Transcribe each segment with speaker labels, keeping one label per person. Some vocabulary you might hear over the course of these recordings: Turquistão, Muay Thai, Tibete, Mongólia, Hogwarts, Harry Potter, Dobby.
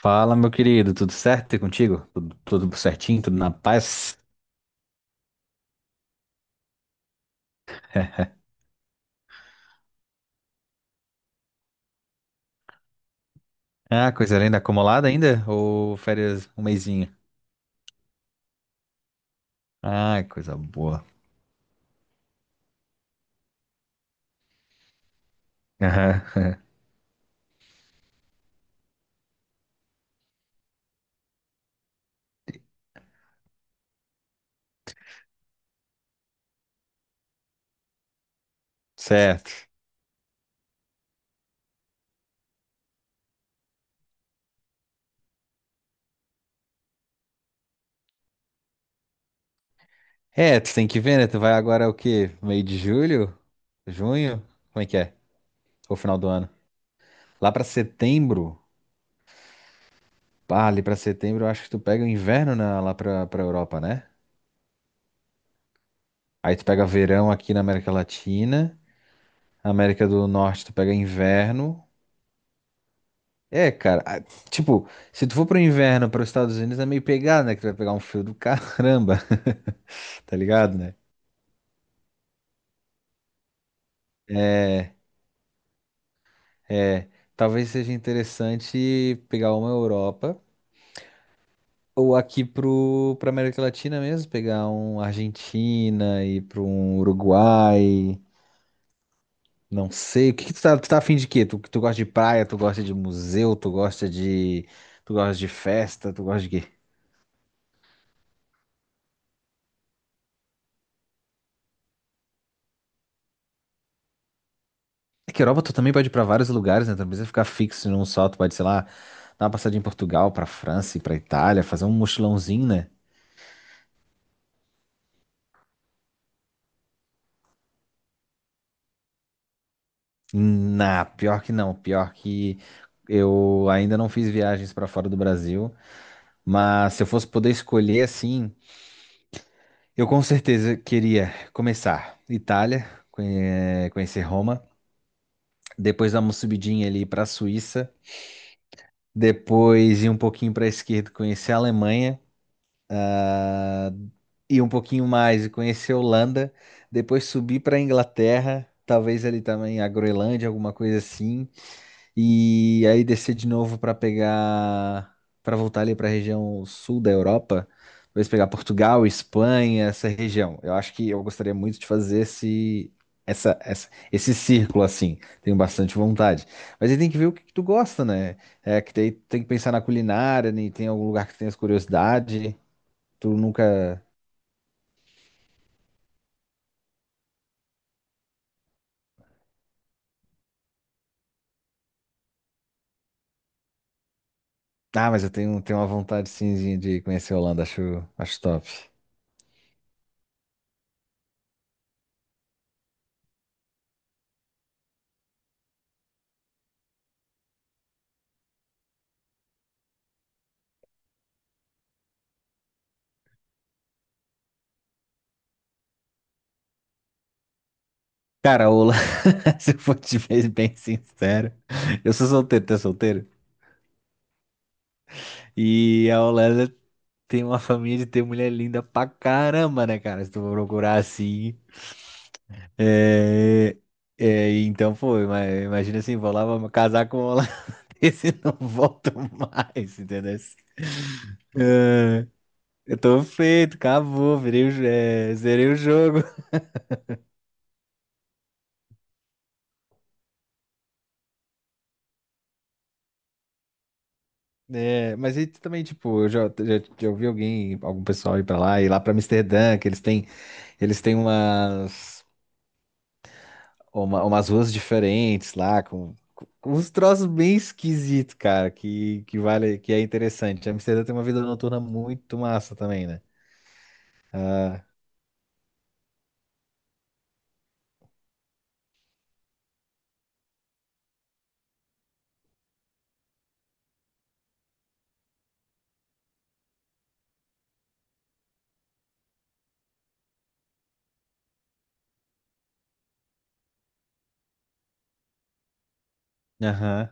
Speaker 1: Fala, meu querido, tudo certo e contigo? Tudo certinho, tudo na paz? Ah, coisa linda, acumulada ainda? Ou férias um mesinho? Ah, coisa boa. Aham. Certo. É, tu tem que ver, né? Tu vai agora o quê? Meio de julho? Junho? Como é que é? Ou final do ano? Lá pra setembro? Ah, ali pra setembro eu acho que tu pega o inverno na- lá pra Europa, né? Aí tu pega verão aqui na América Latina. América do Norte tu pega inverno. É, cara, a- tipo, se tu for pro inverno, para os Estados Unidos é meio pegado, né? Que tu vai pegar um frio do caramba, tá ligado, né? É, é, talvez seja interessante pegar uma Europa ou aqui pra América Latina mesmo, pegar um Argentina e para um Uruguai, não sei. O que que tu tá afim de quê? Tu gosta de praia, tu gosta de museu, tu gosta de festa, tu gosta de quê? É que Europa tu também pode ir pra vários lugares, né? Tu não precisa ficar fixo num só. Tu pode, sei lá, dar uma passadinha em Portugal, pra França e pra Itália, fazer um mochilãozinho, né? Na, pior que não. Pior que eu ainda não fiz viagens pra fora do Brasil. Mas se eu fosse poder escolher assim, eu com certeza queria começar Itália, conhe- conhecer Roma, depois dar uma subidinha ali pra Suíça, depois ir um pouquinho pra esquerda, conhecer a Alemanha. Ir um pouquinho mais e conhecer a Holanda, depois subir para a Inglaterra, talvez ali também a Groenlândia, alguma coisa assim, e aí descer de novo para pegar, para voltar ali para a região sul da Europa, talvez pegar Portugal, Espanha, essa região. Eu acho que eu gostaria muito de fazer esse esse círculo assim, tenho bastante vontade. Mas aí tem que ver o que, que tu gosta, né? É que daí tem que pensar na culinária, né? Tem algum lugar que tu tenhas curiosidade. Tu nunca... Ah, mas eu tenho uma vontade simzinha de conhecer a Holanda, acho, acho top. Cara, a Holanda, se eu for te ver bem sincero, eu sou solteiro, tu é solteiro? E a Holanda tem uma família de ter mulher linda pra caramba, né, cara? Se tu for procurar assim. É, então, pô, ima- imagina assim, vou lá, vou casar com um holandês e não volto mais, entendeu? É, eu tô feito, acabou, virei, o- é, zerei o jogo. É, mas aí também, tipo, eu já ouvi alguém, algum pessoal ir pra lá, ir lá pra Amsterdã, que eles têm umas, uma- umas ruas diferentes lá, com, com uns troços bem esquisitos, cara, que vale, que é interessante. Amsterdã tem uma vida noturna muito massa também, né? Ah, aham.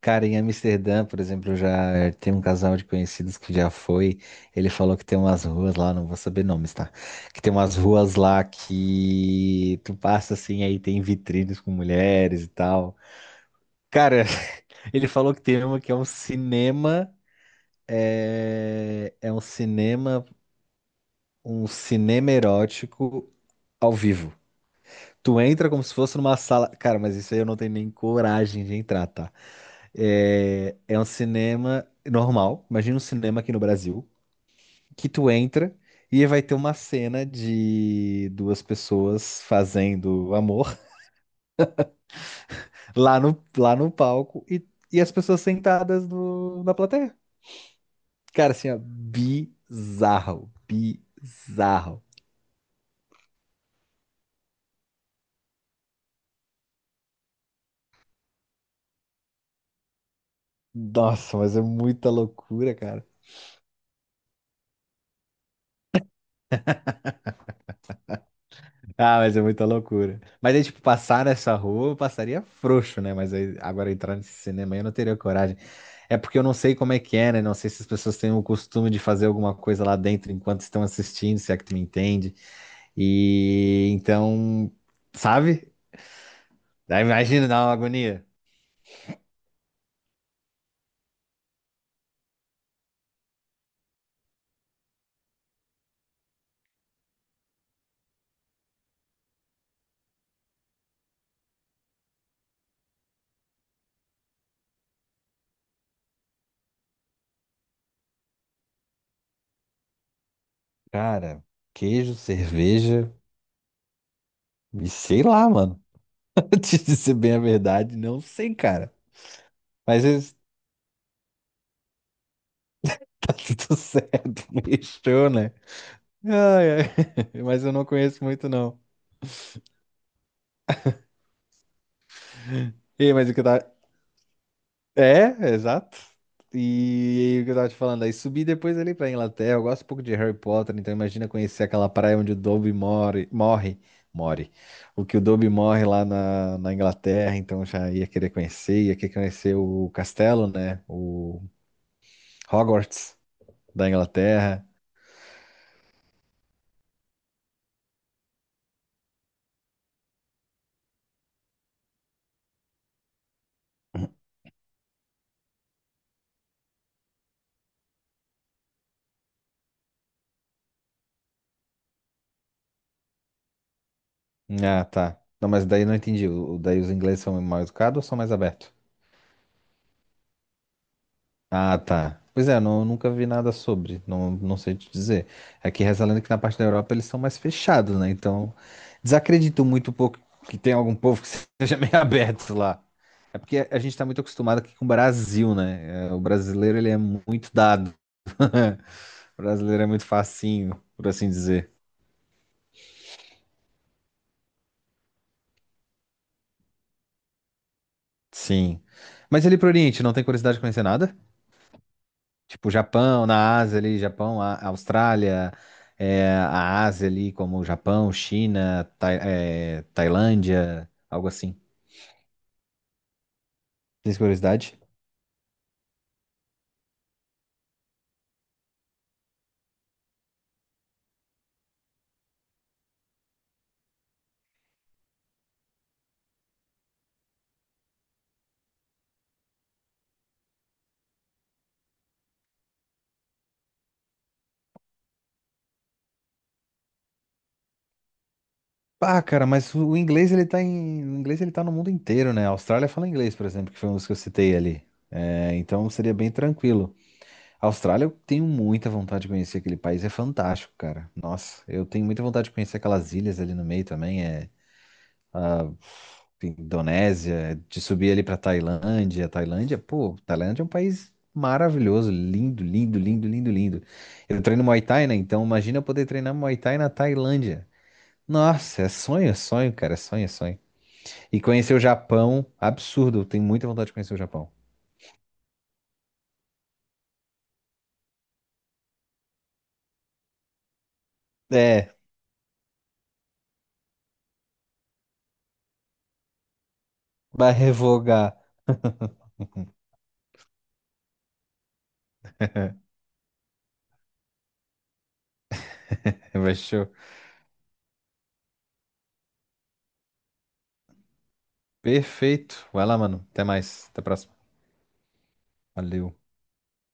Speaker 1: Cara, em Amsterdã, por exemplo, eu já tem um casal de conhecidos que já foi. Ele falou que tem umas ruas lá, não vou saber nomes, tá? Que tem umas ruas lá que tu passa assim, aí tem vitrines com mulheres e tal. Cara, ele falou que tem uma que é um cinema, é um cinema erótico ao vivo. Tu entra como se fosse numa sala. Cara, mas isso aí eu não tenho nem coragem de entrar, tá? É, é um cinema normal. Imagina um cinema aqui no Brasil, que tu entra e vai ter uma cena de duas pessoas fazendo amor lá no palco e as pessoas sentadas no- na plateia. Cara, assim, ó, bizarro, bizarro. Nossa, mas é muita loucura, cara. Ah, mas é muita loucura. Mas aí, tipo, passar nessa rua, eu passaria frouxo, né? Mas aí, agora entrar nesse cinema, aí eu não teria coragem. É porque eu não sei como é que é, né? Não sei se as pessoas têm o costume de fazer alguma coisa lá dentro enquanto estão assistindo, se é que tu me entende. E então, sabe? Aí imagina, dá uma agonia. Cara, queijo, cerveja e sei lá, mano. Antes de ser bem a verdade, não sei, cara. Mas isso... Tá tudo certo, mexeu, né? Ai, ai. Mas eu não conheço muito, não. E, mas o que eu tava... É, exato. E o que eu tava te falando, aí subi depois ali pra Inglaterra. Eu gosto um pouco de Harry Potter, então imagina conhecer aquela praia onde o Dobby morre. O que o Dobby morre lá na, na Inglaterra, então já ia querer conhecer o castelo, né? O Hogwarts da Inglaterra. Ah, tá. Não, mas daí eu não entendi. O- Daí os ingleses são mais educados ou são mais abertos? Ah, tá. Pois é, não, nunca vi nada sobre, não, não sei te dizer. Aqui reza a lenda que na parte da Europa eles são mais fechados, né? Então, desacredito muito um pouco que tem algum povo que seja meio aberto lá. É porque a gente tá muito acostumado aqui com o Brasil, né? É, o brasileiro, ele é muito dado. O brasileiro é muito facinho, por assim dizer. Sim. Mas ele pro Oriente, não tem curiosidade de conhecer nada? Tipo, Japão, na Ásia ali, Japão, a- Austrália, é, a Ásia ali, como Japão, China, Tai- é, Tailândia, algo assim. Tem curiosidade? Pá, cara, mas o inglês ele tá em, o inglês ele tá no mundo inteiro, né? A Austrália fala inglês, por exemplo, que foi um dos que eu citei ali. É, então seria bem tranquilo. A Austrália, eu tenho muita vontade de conhecer aquele país, é fantástico, cara. Nossa, eu tenho muita vontade de conhecer aquelas ilhas ali no meio também. É, Indonésia, de subir ali pra Tailândia. Tailândia, pô, Tailândia é um país maravilhoso, lindo, lindo, lindo, lindo, lindo. Eu treino Muay Thai, né? Então imagina eu poder treinar Muay Thai na Tailândia. Nossa, é sonho, cara, é sonho, é sonho. E conhecer o Japão, absurdo, eu tenho muita vontade de conhecer o Japão. É, vai revogar. Vai show. Perfeito. Vai lá, mano. Até mais. Até a próxima. Valeu.